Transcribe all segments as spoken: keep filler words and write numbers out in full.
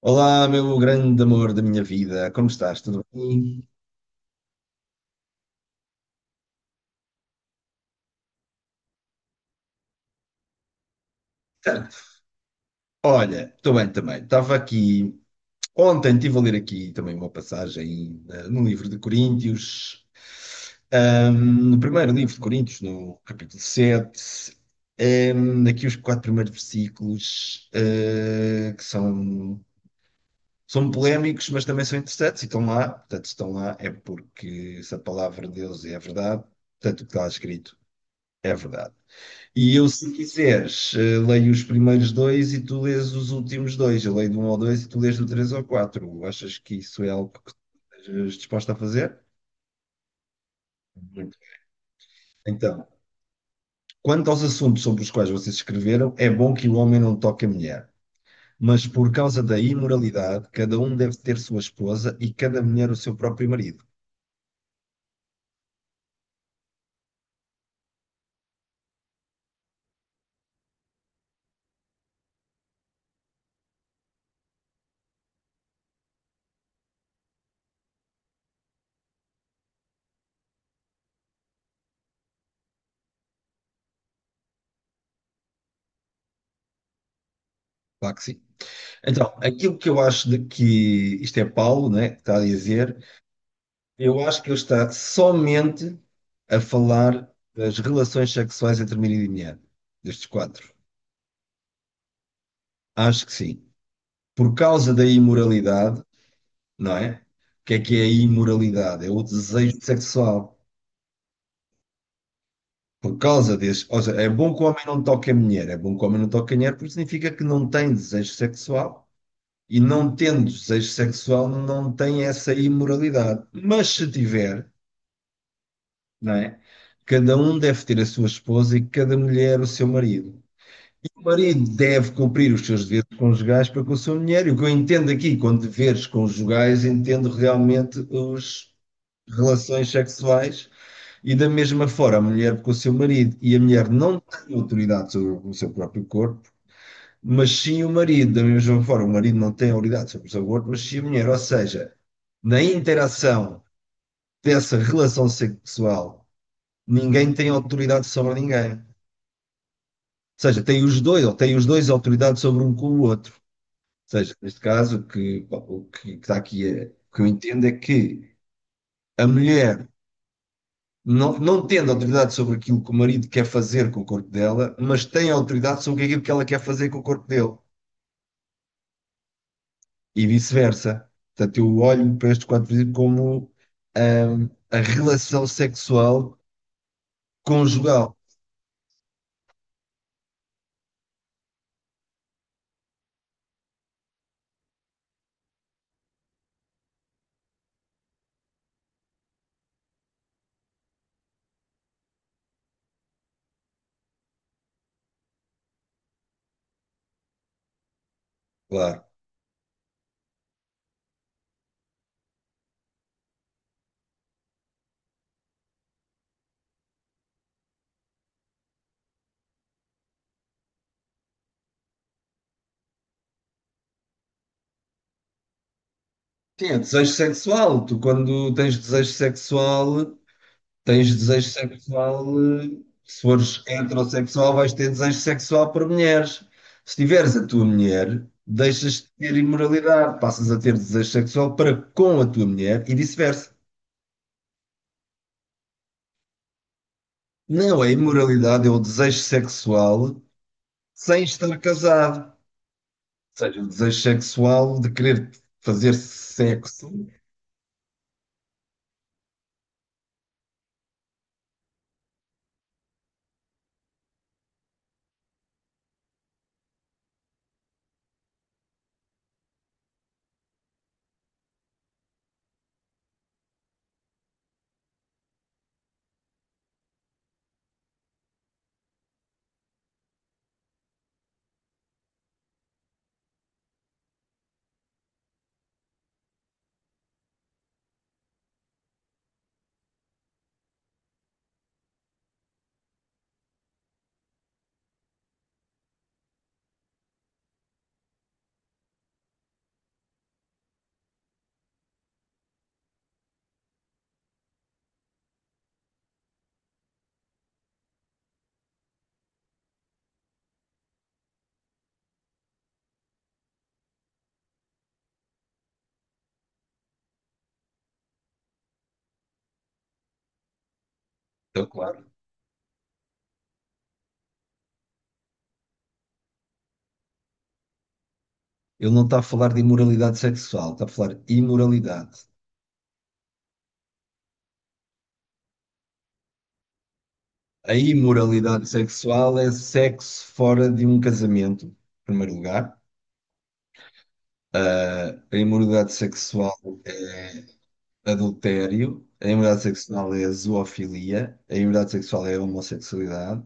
Olá, meu grande amor da minha vida, como estás? Tudo bem? Certo. Olha, estou bem também. Estava aqui, ontem estive a ler aqui também uma passagem eh, no livro de Coríntios, Ahm, no primeiro livro de Coríntios, no capítulo sete, ahm, aqui os quatro primeiros versículos, eh, que são, são polémicos, mas também são interessantes e estão lá. Portanto, se estão lá é porque se a palavra de Deus é a verdade, portanto, o que está lá escrito é a verdade. E eu, se quiseres, eh, leio os primeiros dois e tu lês os últimos dois. Eu leio do um ao dois e tu lês do três ao quatro. Achas que isso é algo que estejas disposto a fazer? Muito. Então, quanto aos assuntos sobre os quais vocês escreveram, é bom que o homem não toque a mulher. Mas por causa da imoralidade, cada um deve ter sua esposa e cada mulher o seu próprio marido. Claro que sim. Então, aquilo que eu acho de que isto é Paulo, né, que está a dizer, eu acho que ele está somente a falar das relações sexuais entre marido e mulher, destes quatro. Acho que sim. Por causa da imoralidade, não é? O que é que é a imoralidade? É o desejo sexual. Por causa desse. Ou seja, é bom que o homem não toque a mulher. É bom que o homem não toque a mulher porque significa que não tem desejo sexual. E não tendo desejo sexual, não tem essa imoralidade. Mas se tiver, não é? Cada um deve ter a sua esposa e cada mulher o seu marido. O marido deve cumprir os seus deveres conjugais para com a sua mulher. E o que eu entendo aqui com deveres conjugais, entendo realmente as relações sexuais e da mesma forma a mulher com o seu marido. E a mulher não tem autoridade sobre o seu próprio corpo, mas sim o marido. Da mesma forma, o marido não tem autoridade sobre o seu corpo, mas sim a mulher. Ou seja, na interação dessa relação sexual, ninguém tem autoridade sobre ninguém. Ou seja, tem os dois, ou têm os dois autoridade sobre um com o outro. Seja, neste caso, o que, o que está aqui, é- o que eu entendo é que a mulher, não, não tendo autoridade sobre aquilo que o marido quer fazer com o corpo dela, mas tem autoridade sobre aquilo que ela quer fazer com o corpo dele, e vice-versa. Portanto, eu olho para estes quatro princípios como hum, a relação sexual conjugal, claro. Sim, é desejo sexual. Tu, quando tens desejo sexual, tens desejo sexual, eh, se fores heterossexual, vais ter desejo sexual para mulheres. Se tiveres a tua mulher, deixas de ter imoralidade, passas a ter desejo sexual para com a tua mulher e vice-versa. Não é imoralidade, é o desejo sexual sem estar casado. Ou seja, o desejo sexual de querer fazer sexo. Então, claro, ele não está a falar de imoralidade sexual, está a falar de imoralidade. A imoralidade sexual é sexo fora de um casamento, em primeiro lugar. Ah, a imoralidade sexual, adultério. A imoralidade sexual é a zoofilia. A imoralidade sexual é a homossexualidade.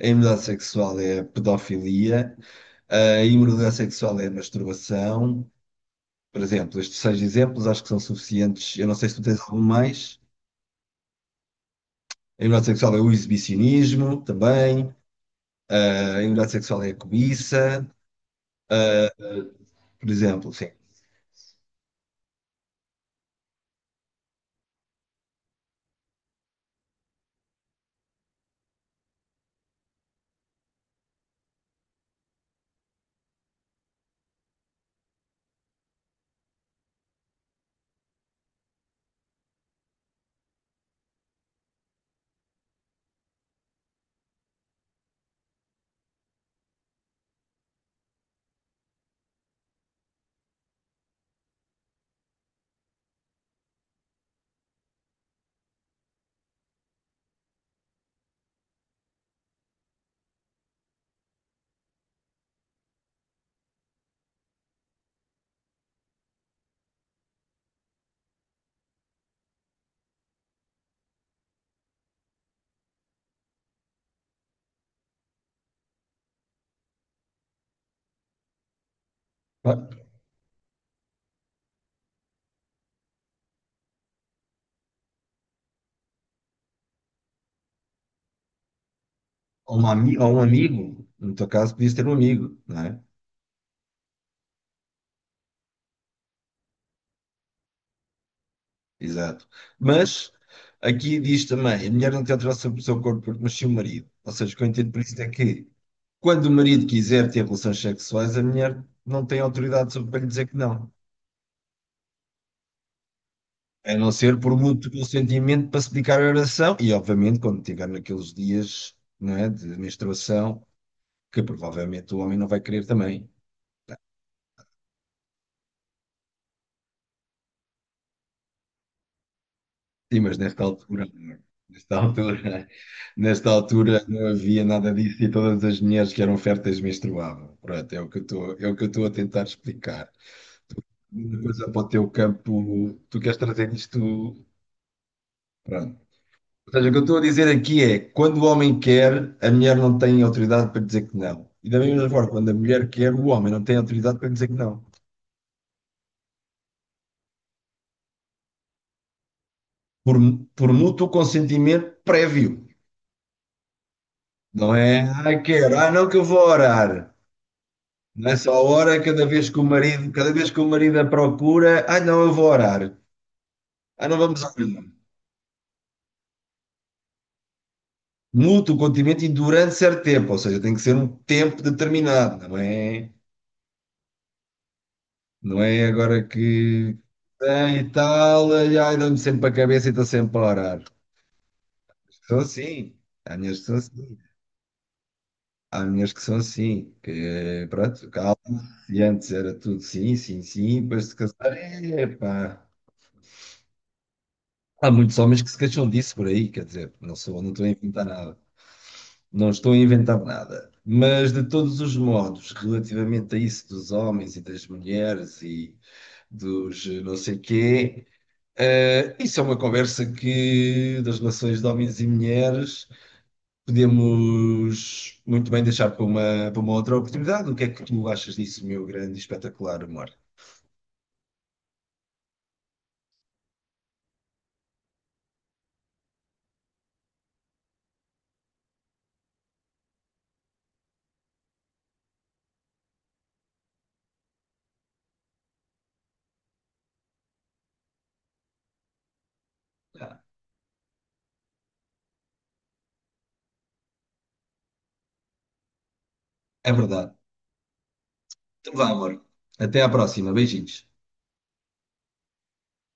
A imoralidade sexual é a pedofilia. A imoralidade sexual é a masturbação. Por exemplo, estes seis exemplos acho que são suficientes. Eu não sei se tu tens algum mais. A imoralidade sexual é o exibicionismo também. A imoralidade sexual é a cobiça, por exemplo, sim. a uma, ami- a um amigo, no teu caso, podias ter um amigo, não é? Exato. Mas aqui diz também: a mulher não tem alteração sobre o seu corpo porque nasceu o marido. Ou seja, o que eu entendo por isso é que quando o marido quiser ter relações sexuais, a mulher não tem autoridade sobre para lhe dizer que não. A não ser por mútuo consentimento para se dedicar à oração e, obviamente, quando estiver naqueles dias, não é, de menstruação, que provavelmente o homem não vai querer também. Sim, mas nesta altura, nesta altura, nesta altura não havia nada disso e todas as mulheres que eram férteis menstruavam. Pronto, é o que eu estou, é o que eu estou a tentar explicar. Tu- Uma coisa para o teu campo, tu queres trazer isto, pronto. Ou seja, o que eu estou a dizer aqui é, quando o homem quer, a mulher não tem autoridade para dizer que não. E da mesma forma, quando a mulher quer, o homem não tem autoridade para dizer que não. Por, por mútuo consentimento prévio. Não é, ah, quero, ah, não que eu vou orar. Nessa hora, cada vez que o marido, cada vez que o marido a procura, ah não, eu vou orar, ah não vamos orar. Muda o continente e durante certo tempo, ou seja, tem que ser um tempo determinado, não é? Não é agora que tem e tal, e ai dá-me sempre a cabeça e estou sempre a orar. São assim, há minhas que são assim, há minhas que são assim, que pronto, calma, e antes era tudo sim, sim, sim, depois de casar, epá. Há muitos homens que se queixam disso por aí, quer dizer, não sou, não estou a inventar nada. Não estou a inventar nada. Mas, de todos os modos, relativamente a isso dos homens e das mulheres e dos eh, não sei quê, eh, isso é uma conversa que, das relações de homens e mulheres, podemos muito bem deixar para uma, para uma outra oportunidade. O que é que tu achas disso, meu grande e espetacular amor? Ah, é verdade. Então vá, amor. Até à próxima. Beijinhos.